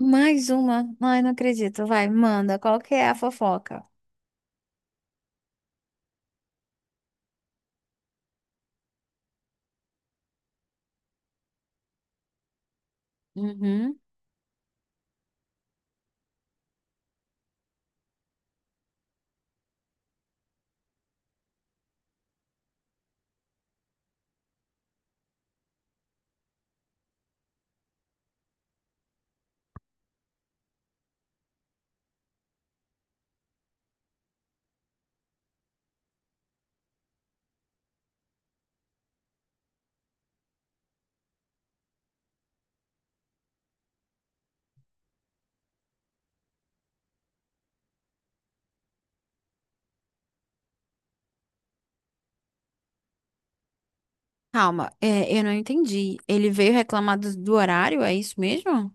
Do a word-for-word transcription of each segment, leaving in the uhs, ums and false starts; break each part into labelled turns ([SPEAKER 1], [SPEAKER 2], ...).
[SPEAKER 1] Mais uma? Ai, não acredito. Vai, manda. Qual que é a fofoca? Uhum. Calma, é, eu não entendi. Ele veio reclamar do, do horário, é isso mesmo?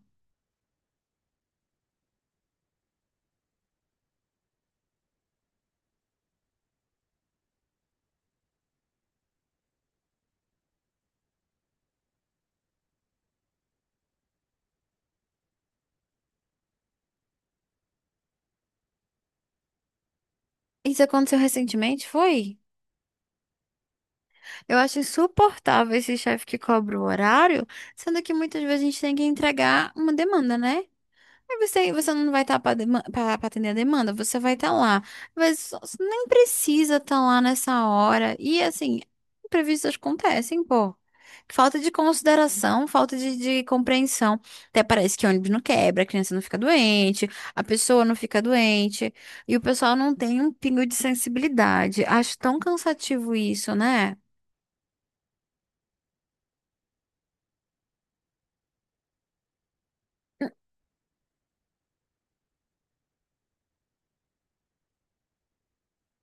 [SPEAKER 1] Isso aconteceu recentemente, foi? Eu acho insuportável esse chefe que cobra o horário, sendo que muitas vezes a gente tem que entregar uma demanda, né? Aí Você, você não vai estar para atender a demanda, você vai estar lá. Mas só- você nem precisa estar lá nessa hora. E assim, imprevistos acontecem, pô. Falta de consideração, falta de, de compreensão. Até parece que ônibus não quebra, a criança não fica doente, a pessoa não fica doente. E o pessoal não tem um pingo de sensibilidade. Acho tão cansativo isso, né?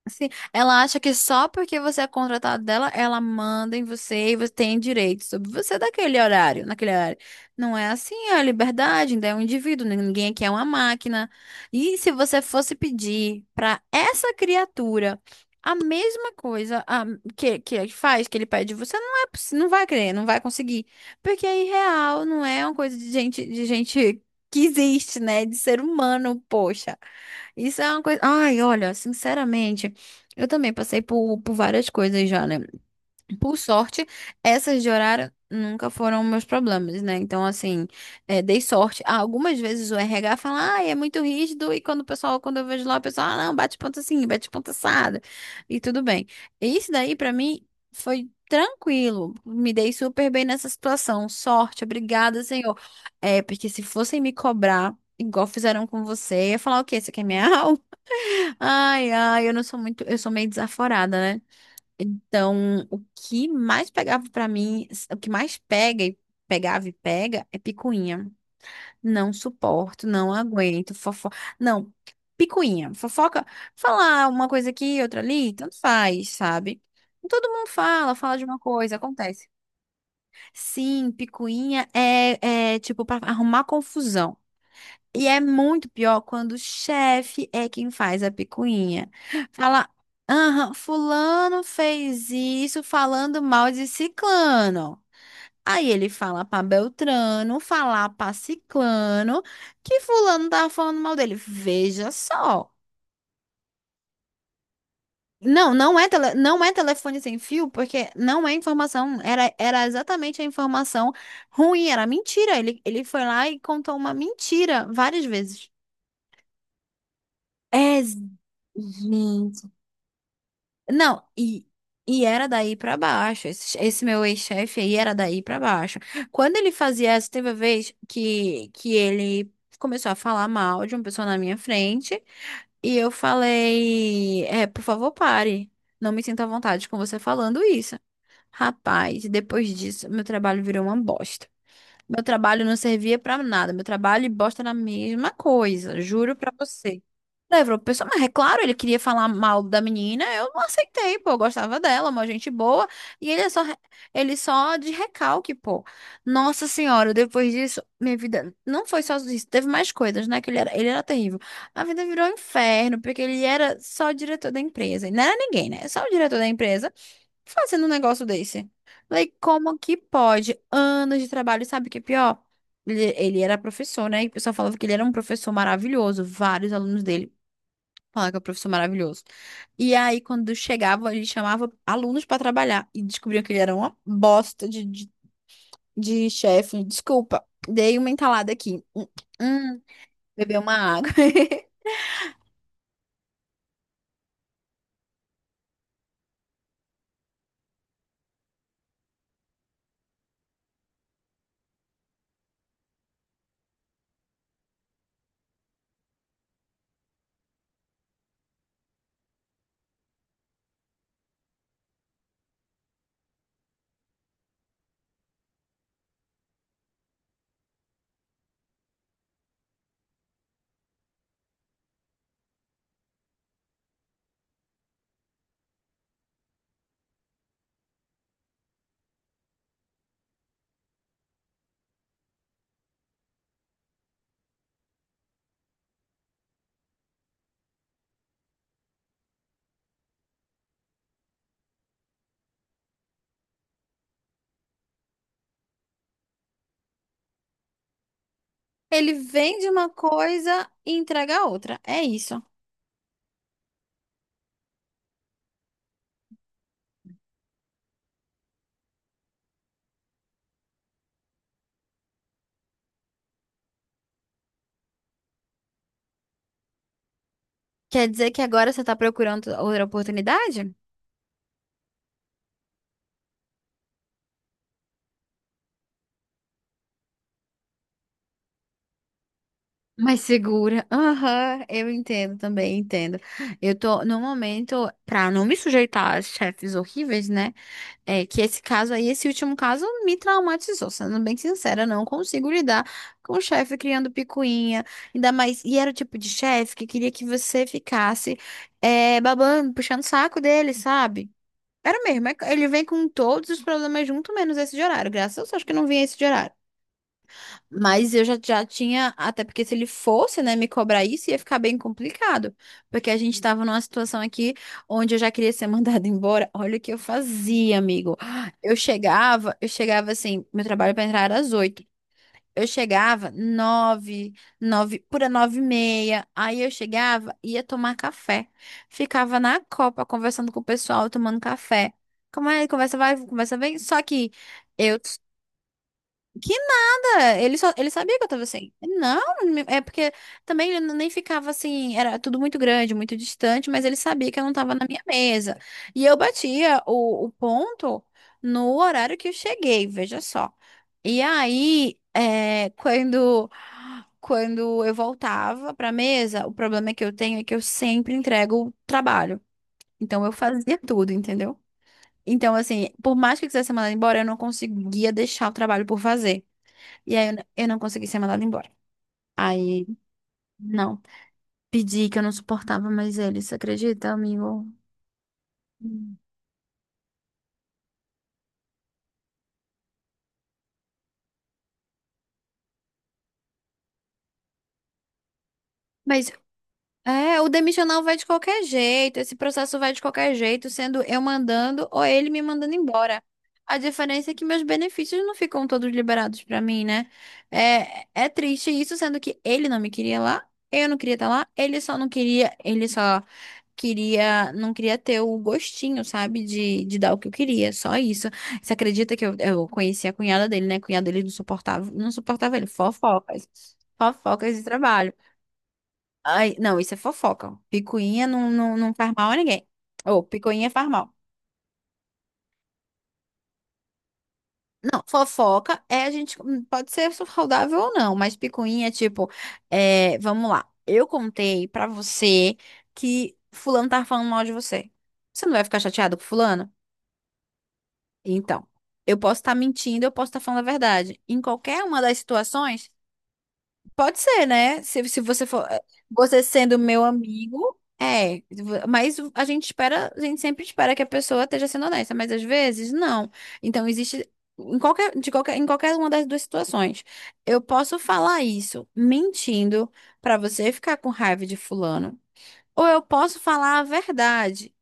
[SPEAKER 1] Assim, ela acha que só porque você é contratado dela, ela manda em você e você tem direito sobre você daquele horário, naquele horário. Não é assim, é a liberdade, ainda é um indivíduo, né? Ninguém aqui é uma máquina. E se você fosse pedir para essa criatura a mesma coisa a- que, que ele faz, que ele pede de você, não é, possi- não vai querer, não vai conseguir. Porque é irreal, não é uma coisa de gente, de gente que existe, né? De ser humano, poxa. Isso é uma coisa. Ai, olha, sinceramente. Eu também passei por, por várias coisas já, né? Por sorte, essas de horário nunca foram meus problemas, né? Então, assim, é, dei sorte. Ah, algumas vezes o R H fala, ah, é muito rígido, e quando o pessoal, quando eu vejo lá, o pessoal, ah, não, bate ponta assim, bate ponta assada, e tudo bem. E isso daí, pra mim, foi tranquilo. Me dei super bem nessa situação. Sorte, obrigada, senhor. É, porque se fossem me cobrar, igual fizeram com você, eu ia falar, o quê? Você quer minha alma? Ai, ai, eu não sou muito, eu sou meio desaforada, né? Então, o que mais pegava pra mim, o que mais pega e pegava e pega é picuinha. Não suporto, não aguento, fofoca. Não, picuinha, fofoca, falar uma coisa aqui, outra ali, tanto faz, sabe? Todo mundo fala, fala de uma coisa, acontece. Sim, picuinha é, é tipo pra arrumar confusão. E é muito pior quando o chefe é quem faz a picuinha. Fala, aham, fulano fez isso falando mal de ciclano. Aí ele fala pra Beltrano, falar pra ciclano que fulano tá falando mal dele. Veja só. Não, não é, tele, não é telefone sem fio, porque não é informação, era, era exatamente a informação ruim, era mentira. Ele, ele foi lá e contou uma mentira várias vezes. É, gente. Não, e, e era daí pra baixo. Esse, esse meu ex-chefe aí era daí pra baixo. Quando ele fazia essa, teve uma vez que, que ele começou a falar mal de uma pessoa na minha frente e eu falei: é, por favor, pare. Não me sinto à vontade com você falando isso. Rapaz, depois disso, meu trabalho virou uma bosta. Meu trabalho não servia pra nada. Meu trabalho e bosta na mesma coisa, juro pra você. Levou o pessoal, mas é claro, ele queria falar mal da menina, eu não aceitei, pô, eu gostava dela, uma gente boa, e ele é só, re- ele só de recalque, pô. Nossa senhora, depois disso, minha vida não foi só isso, teve mais coisas, né, que ele era, ele era terrível. A vida virou um inferno, porque ele era só o diretor da empresa, e não era ninguém, né, só o diretor da empresa, fazendo um negócio desse. Falei, como que pode? Anos de trabalho, sabe o que é pior? Ele, ele era professor, né? E o pessoal falava que ele era um professor maravilhoso. Vários alunos dele falavam que era um professor maravilhoso. E aí, quando chegava, ele chamava alunos para trabalhar e descobriam que ele era uma bosta de, de, de chefe. Desculpa, dei uma entalada aqui. Hum, hum, bebeu uma água. Ele vende uma coisa e entrega a outra. É isso. Quer dizer que agora você está procurando outra oportunidade? Mais segura. Aham, eu entendo também, entendo. Eu tô, no momento, pra não me sujeitar a chefes horríveis, né? É que esse caso aí, esse último caso, me traumatizou. Sendo bem sincera, não consigo lidar com o chefe criando picuinha. Ainda mais. E era o tipo de chefe que queria que você ficasse é, babando, puxando o saco dele, sabe? Era mesmo. é- Ele vem com todos os problemas junto, menos esse de horário. Graças a Deus, acho que não vinha esse de horário. Mas eu já, já tinha, até porque se ele fosse, né, me cobrar isso, ia ficar bem complicado. Porque a gente tava numa situação aqui onde eu já queria ser mandada embora. Olha o que eu fazia, amigo. Eu chegava, eu chegava assim, meu trabalho para entrar era às oito. Eu chegava nove, nove, pura nove e meia. Aí eu chegava, ia tomar café. Ficava na copa, conversando com o pessoal, tomando café. Como é, conversa vai, conversa vem. Só que eu que nada, ele só, ele sabia que eu tava assim. Não, é porque também ele nem ficava assim, era tudo muito grande, muito distante, mas ele sabia que eu não tava na minha mesa. E eu batia o, o ponto no horário que eu cheguei, veja só. E aí, é, quando, quando eu voltava pra mesa, o problema que eu tenho é que eu sempre entrego o trabalho. Então eu fazia tudo, entendeu? Então, assim, por mais que eu quisesse ser mandada embora, eu não conseguia deixar o trabalho por fazer. E aí eu, n- eu não consegui ser mandada embora. Aí, não. Pedi que eu não suportava mais ele, você acredita, amigo? Hum. Mas É, o demissional vai de qualquer jeito, esse processo vai de qualquer jeito, sendo eu mandando ou ele me mandando embora. A diferença é que meus benefícios não ficam todos liberados pra mim, né? É, é triste isso, sendo que ele não me queria lá, eu não queria estar lá, ele só não queria, ele só queria, não queria ter o gostinho, sabe, de, de dar o que eu queria, só isso. Você acredita que eu, eu conheci a cunhada dele, né? A cunhada dele não suportava, não suportava ele, fofocas, fofocas de trabalho. Ai, não, isso é fofoca. Picuinha não, não, não faz mal a ninguém. Ou picuinha faz mal. Não, fofoca é a gente. hum, Pode ser saudável ou não, mas picuinha é tipo. É, vamos lá. Eu contei pra você que Fulano tá falando mal de você. Você não vai ficar chateado com Fulano? Então, eu posso estar mentindo, eu posso estar falando a verdade. Em qualquer uma das situações. Pode ser, né? Se, se você for, eh, você sendo meu amigo, é, mas a gente espera, a gente sempre espera que a pessoa esteja sendo honesta, mas às vezes não. Então existe em qualquer, de qualquer, em qualquer uma das duas situações. Eu posso falar isso mentindo pra você ficar com raiva de fulano, ou eu posso falar a verdade.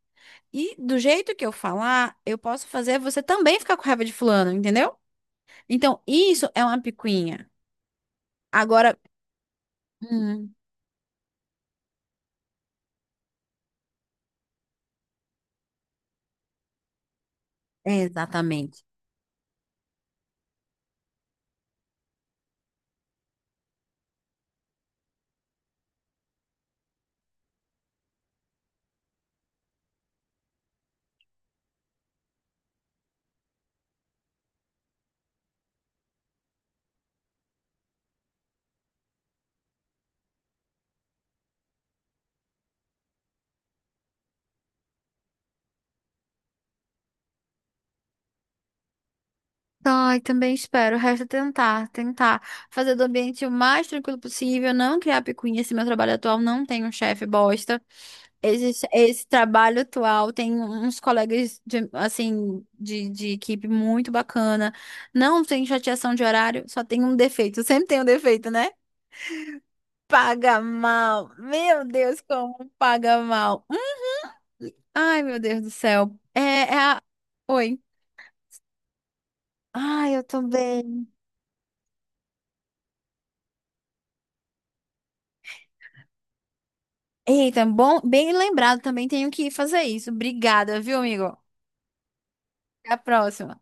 [SPEAKER 1] E do jeito que eu falar, eu posso fazer você também ficar com raiva de fulano, entendeu? Então, isso é uma picuinha. Agora, hum, é exatamente. Ai, também espero. Resta tentar, tentar fazer do ambiente o mais tranquilo possível, não criar picuinha. Esse meu trabalho atual não tem um chefe bosta. Esse, esse trabalho atual tem uns colegas de, assim, de, de equipe muito bacana. Não tem chateação de horário, só tem um defeito. Sempre tem um defeito, né? Paga mal. Meu Deus, como paga mal. Hum. Ai, meu Deus do céu. É, é a... Oi. Ai, eu tô bem. Eita, bom, bem lembrado, também tenho que fazer isso. Obrigada, viu, amigo? Até a próxima.